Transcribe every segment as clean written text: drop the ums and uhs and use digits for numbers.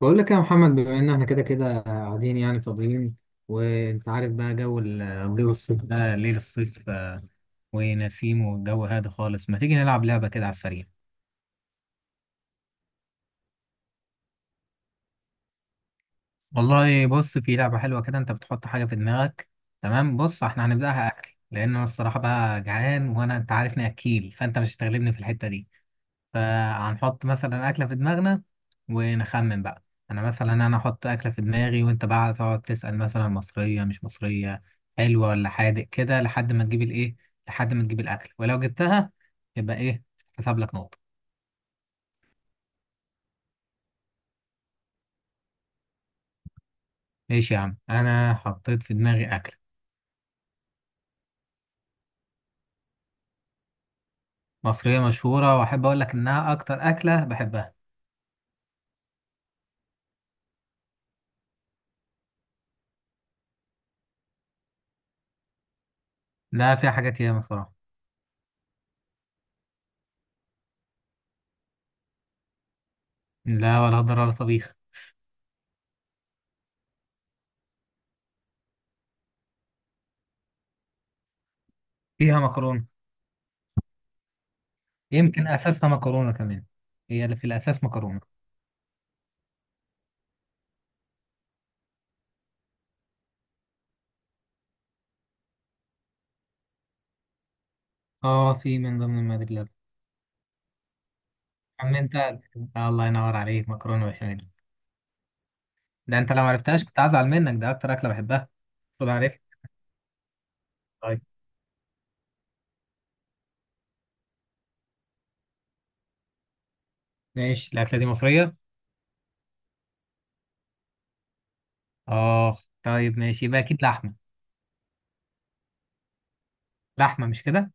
بقول لك يا محمد، بما ان احنا كده كده قاعدين يعني فاضيين. وانت عارف بقى جو جو الصيف ده، ليل الصيف ونسيم والجو هادي خالص. ما تيجي نلعب لعبة كده على السريع. والله بص، في لعبة حلوة كده، انت بتحط حاجة في دماغك. تمام، بص احنا هنبدأها اكل، لان انا الصراحة بقى جعان، وانا انت عارفني اكيل، فانت مش هتغلبني في الحتة دي. فهنحط مثلا أكلة في دماغنا ونخمن بقى. أنا مثلا أنا أحط أكلة في دماغي، وأنت بقى تقعد تسأل مثلا مصرية مش مصرية، حلوة ولا حادق كده، لحد ما تجيب الإيه، لحد ما تجيب الأكل. ولو جبتها يبقى إيه؟ حسب لك نقطة. ماشي يا عم، أنا حطيت في دماغي أكلة مصرية مشهورة، وأحب أقول لك إنها أكتر أكلة بحبها. لا فيها حاجات ياما صراحة. لا، ولا هضر ولا طبيخ. فيها مكرونة. يمكن أساسها مكرونة كمان، هي اللي في الأساس مكرونة. اه، في من ضمن المقادير. عم انت، الله ينور عليك، مكرونه بشاميل. ده انت لو ما عرفتهاش كنت هزعل منك، ده اكتر اكله بحبها. خد عارف. طيب ماشي، الاكله دي مصريه. اه طيب ماشي، يبقى اكيد لحمه. لحمه مش كده؟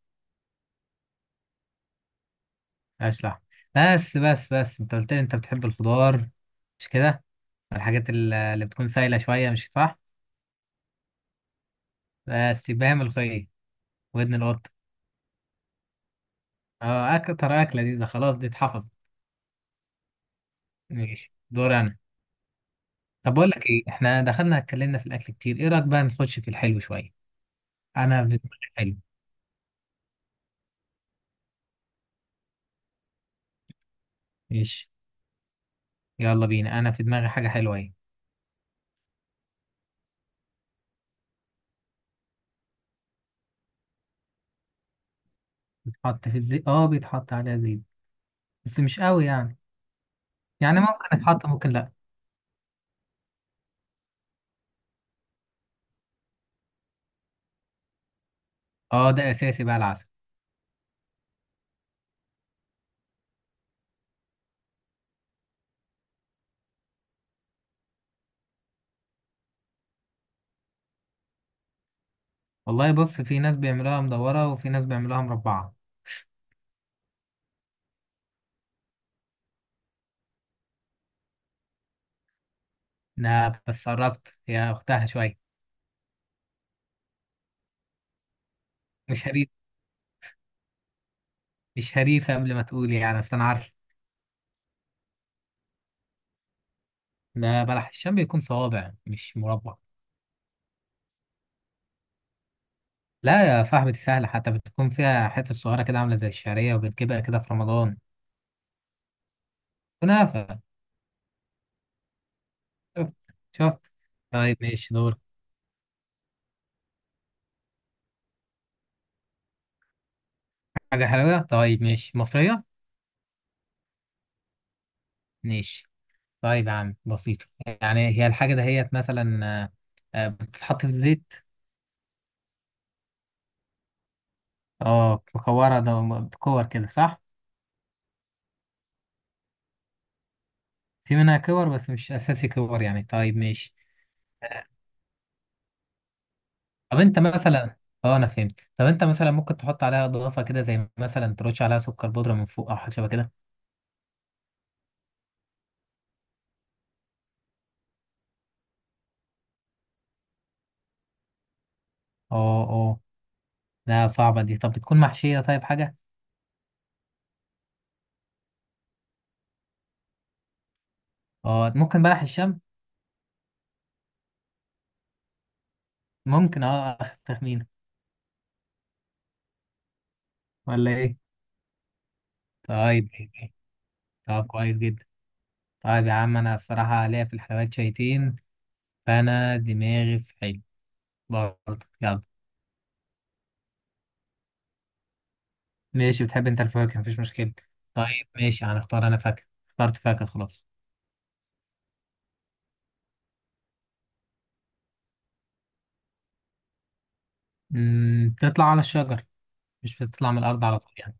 ماشي لحمه. بس بس بس، انت قلت لي انت بتحب الخضار مش كده؟ الحاجات اللي بتكون سايله شويه مش صح؟ بس يبقى هي ملوخيه، ودن القط. اه اكتر اكله دي، ده خلاص دي اتحفظت. ماشي دور انا. طب بقول لك ايه، احنا دخلنا اتكلمنا في الاكل كتير، ايه رايك بقى نخش في الحلو شويه. انا في دماغي حلو. ماشي يلا بينا، انا في دماغي حاجه حلوه اهي. بيتحط في الزيت، اه بيتحط عليها زيت، بس مش قوي يعني. يعني ممكن يتحط ممكن لا. اه ده اساسي بقى العسل. والله بص، في ناس بيعملوها مدوره وفي ناس بيعملوها مربعه. لا بس قربت يا اختها شويه. مش هريف. مش هريفه، قبل ما تقول يعني اصل انا عارف. ده بلح الشام بيكون صوابع مش مربع. لا يا صاحبتي سهله، حتى بتكون فيها حته صغيره كده عامله زي الشعريه، وبتجيبها كده في رمضان. كنافه. شفت؟ شفت؟ طيب ماشي دور. حاجة حلوة طيب ماشي، مصرية. ماشي طيب يا عم بسيطة. يعني هي الحاجة دهيت مثلا بتتحط في الزيت. اه مكورة، ده كور كده صح؟ في منها كور، بس مش أساسي كور يعني، طيب ماشي. طب أنت مثلا، اه أنا فهمت، طب أنت مثلا ممكن تحط عليها إضافة كده زي مثلا ترش عليها سكر بودرة من فوق أو حاجة شبه كده. اه اه. لا صعبة دي. طب بتكون محشية؟ طيب حاجة، اه ممكن بلح الشام؟ ممكن، اه آخر تخمينة. ولا إيه؟ طيب. طب كويس جدا. طيب يا عم، انا الصراحة ليا في الحلويات شويتين، فانا دماغي في حلو برضه يلا. ماشي، بتحب انت الفواكه مفيش مشكلة. طيب ماشي، هنختار. انا فاكهة، اخترت فاكهة خلاص. بتطلع على الشجر، مش بتطلع من الارض على طول يعني.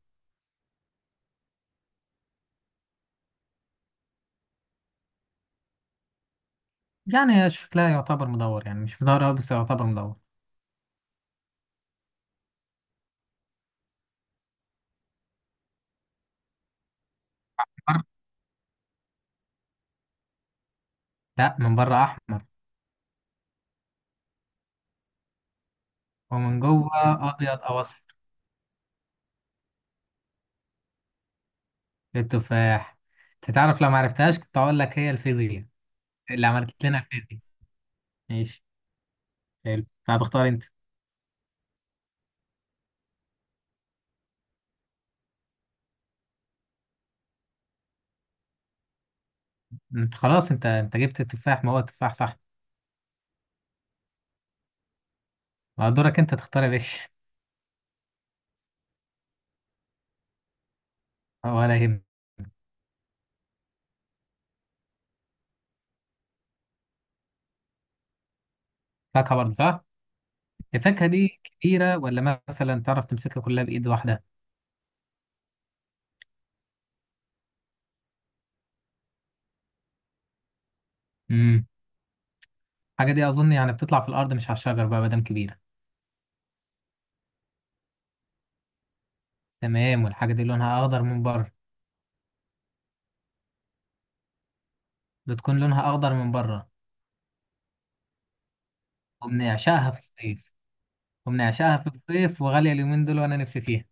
يعني هي شكلها يعتبر مدور، يعني مش مدور أوي بس يعتبر مدور. بر- لا من بره احمر. ومن جوه ابيض او اصفر. التفاح. تتعرف، لو معرفتهاش كنت اقول لك هي الفيزياء، اللي عملت لنا الفيزياء. ماشي حلو، طب اختار انت. انت خلاص، انت انت جبت التفاح، ما هو التفاح صح. ما هو دورك انت تختار يا باشا. ولا يهم. فاكهة برضه صح؟ الفاكهة دي كبيرة، ولا مثلا تعرف تمسكها كلها بإيد واحدة؟ امم الحاجة دي أظن يعني بتطلع في الأرض مش على الشجر بقى مادام كبيرة. تمام، والحاجة دي لونها أخضر من بره؟ بتكون لونها أخضر من بره. وبنعشقها في الصيف. وبنعشقها في الصيف، وغالية اليومين دول وأنا نفسي فيها.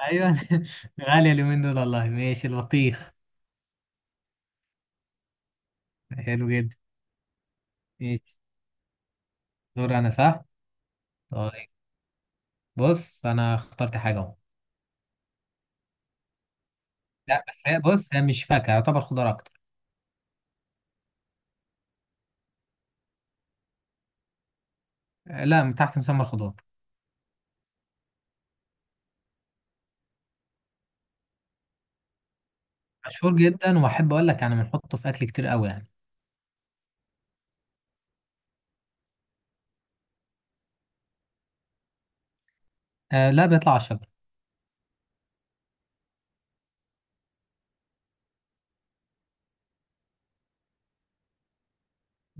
أيوه غالية اليومين دول والله. ماشي البطيخ. حلو جدا. ماشي دور أنا صح؟ طيب بص أنا اخترت حاجة أهو. لا بس هي بص، هي مش فاكهة، يعتبر خضار أكتر. لا من تحت مسمى الخضار. مشهور جدا، وأحب أقول لك يعني بنحطه في أكل كتير قوي يعني. آه لا بيطلع على شجر.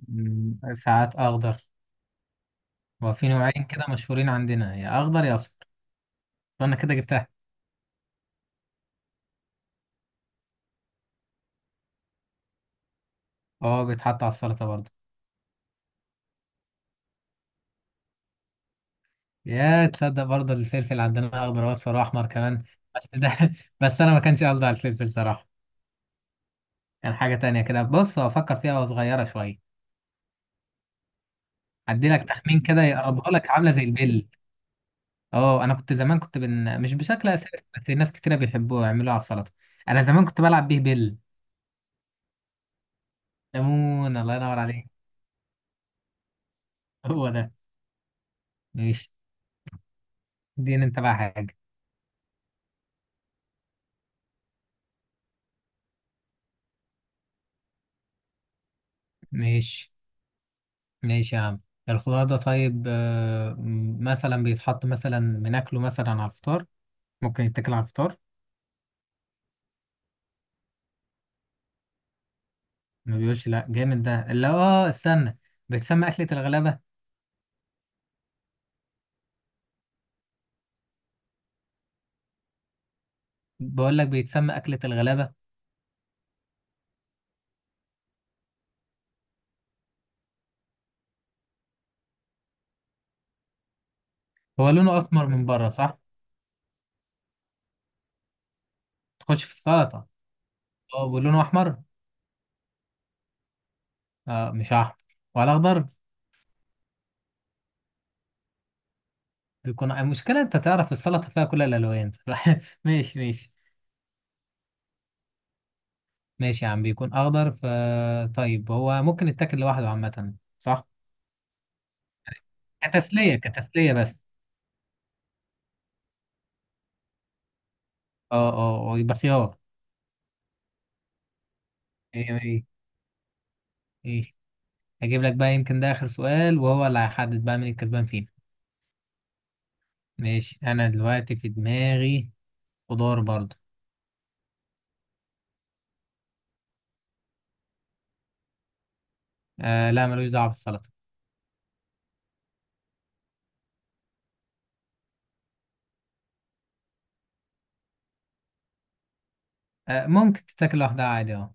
ساعات أخضر. وفي نوعين كده مشهورين عندنا، يا أخضر يا أصفر. أنا كده جبتها. أه بيتحط على السلطة برضه. يا تصدق، برضه الفلفل عندنا أخضر وأصفر وأحمر كمان. بس ده بس أنا ما كانش قصدي على الفلفل صراحة. كان حاجة تانية كده، بص هو أفكر فيها، وهو صغيرة شوية. أدي لك تخمين كده يقربها لك، عاملة زي البل. اه انا كنت زمان كنت مش بشكل اساسي، بس الناس كتير بيحبوه يعملوه على السلطه. انا زمان كنت بلعب بيه بيل. ليمون الله ينور عليك. هو ده. ماشي. دين انت بقى حاجه. ماشي ماشي يا عم. الخضار ده طيب، مثلا بيتحط، مثلا بناكله مثلا على الفطار. ممكن يتاكل على الفطار. ما بيقولش لا. جامد، ده اللي اه، استنى، بيتسمى اكله الغلابه. بقول لك بيتسمى اكله الغلابه. هو لونه اسمر من بره صح؟ تخش في السلطه. اه ولونه احمر. آه مش احمر؟ ولا اخضر؟ بيكون المشكلة انت تعرف السلطة فيها كل الألوان. ماشي ماشي. ماشي يا عم بيكون أخضر ف، طيب هو ممكن يتاكل لوحده عامة صح؟ كتسلية كتسلية بس. اه اه، يبقى خيار. ايه ايه ايه؟ هجيب لك بقى، يمكن ده آخر سؤال وهو اللي هيحدد بقى مين الكسبان فينا. ماشي أنا دلوقتي في دماغي خضار برضه. آه لا ملوش دعوة بالسلطة. آه ممكن تتاكل لوحدها عادي اه.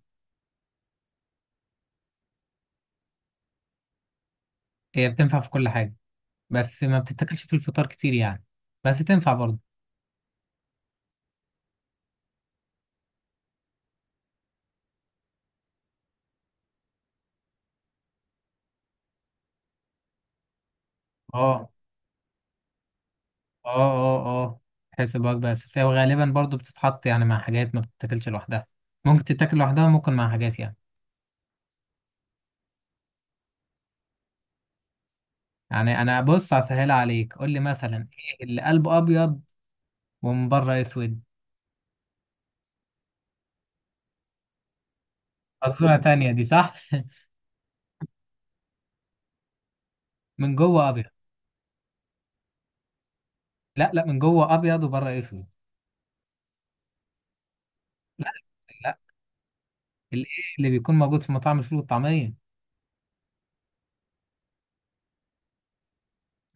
هي بتنفع في كل حاجة، بس ما بتتاكلش في الفطار كتير يعني، بس تنفع برضه. اه اه اه اه، تحسب وجبة أساسية، وغالبا برضو بتتحط يعني مع حاجات، ما بتتاكلش لوحدها. ممكن تتاكل لوحدها وممكن مع حاجات يعني. يعني أنا بص هسهل عليك، قول لي مثلا إيه اللي قلبه أبيض ومن بره أسود؟ فصورة تانية دي صح. من جوه أبيض. لا لا، من جوه أبيض وبره أسود. لا لا. الإيه اللي بيكون موجود في مطاعم الفول والطعمية.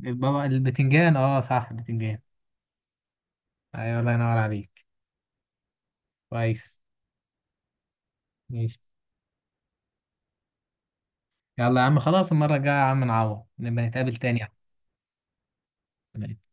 البابا البتنجان، اه صح البتنجان. أيوة الله ينور عليك. كويس. ماشي، يلا يا عم خلاص، المرة الجاية يا عم نعوض، نبقى نتقابل تاني يا عم.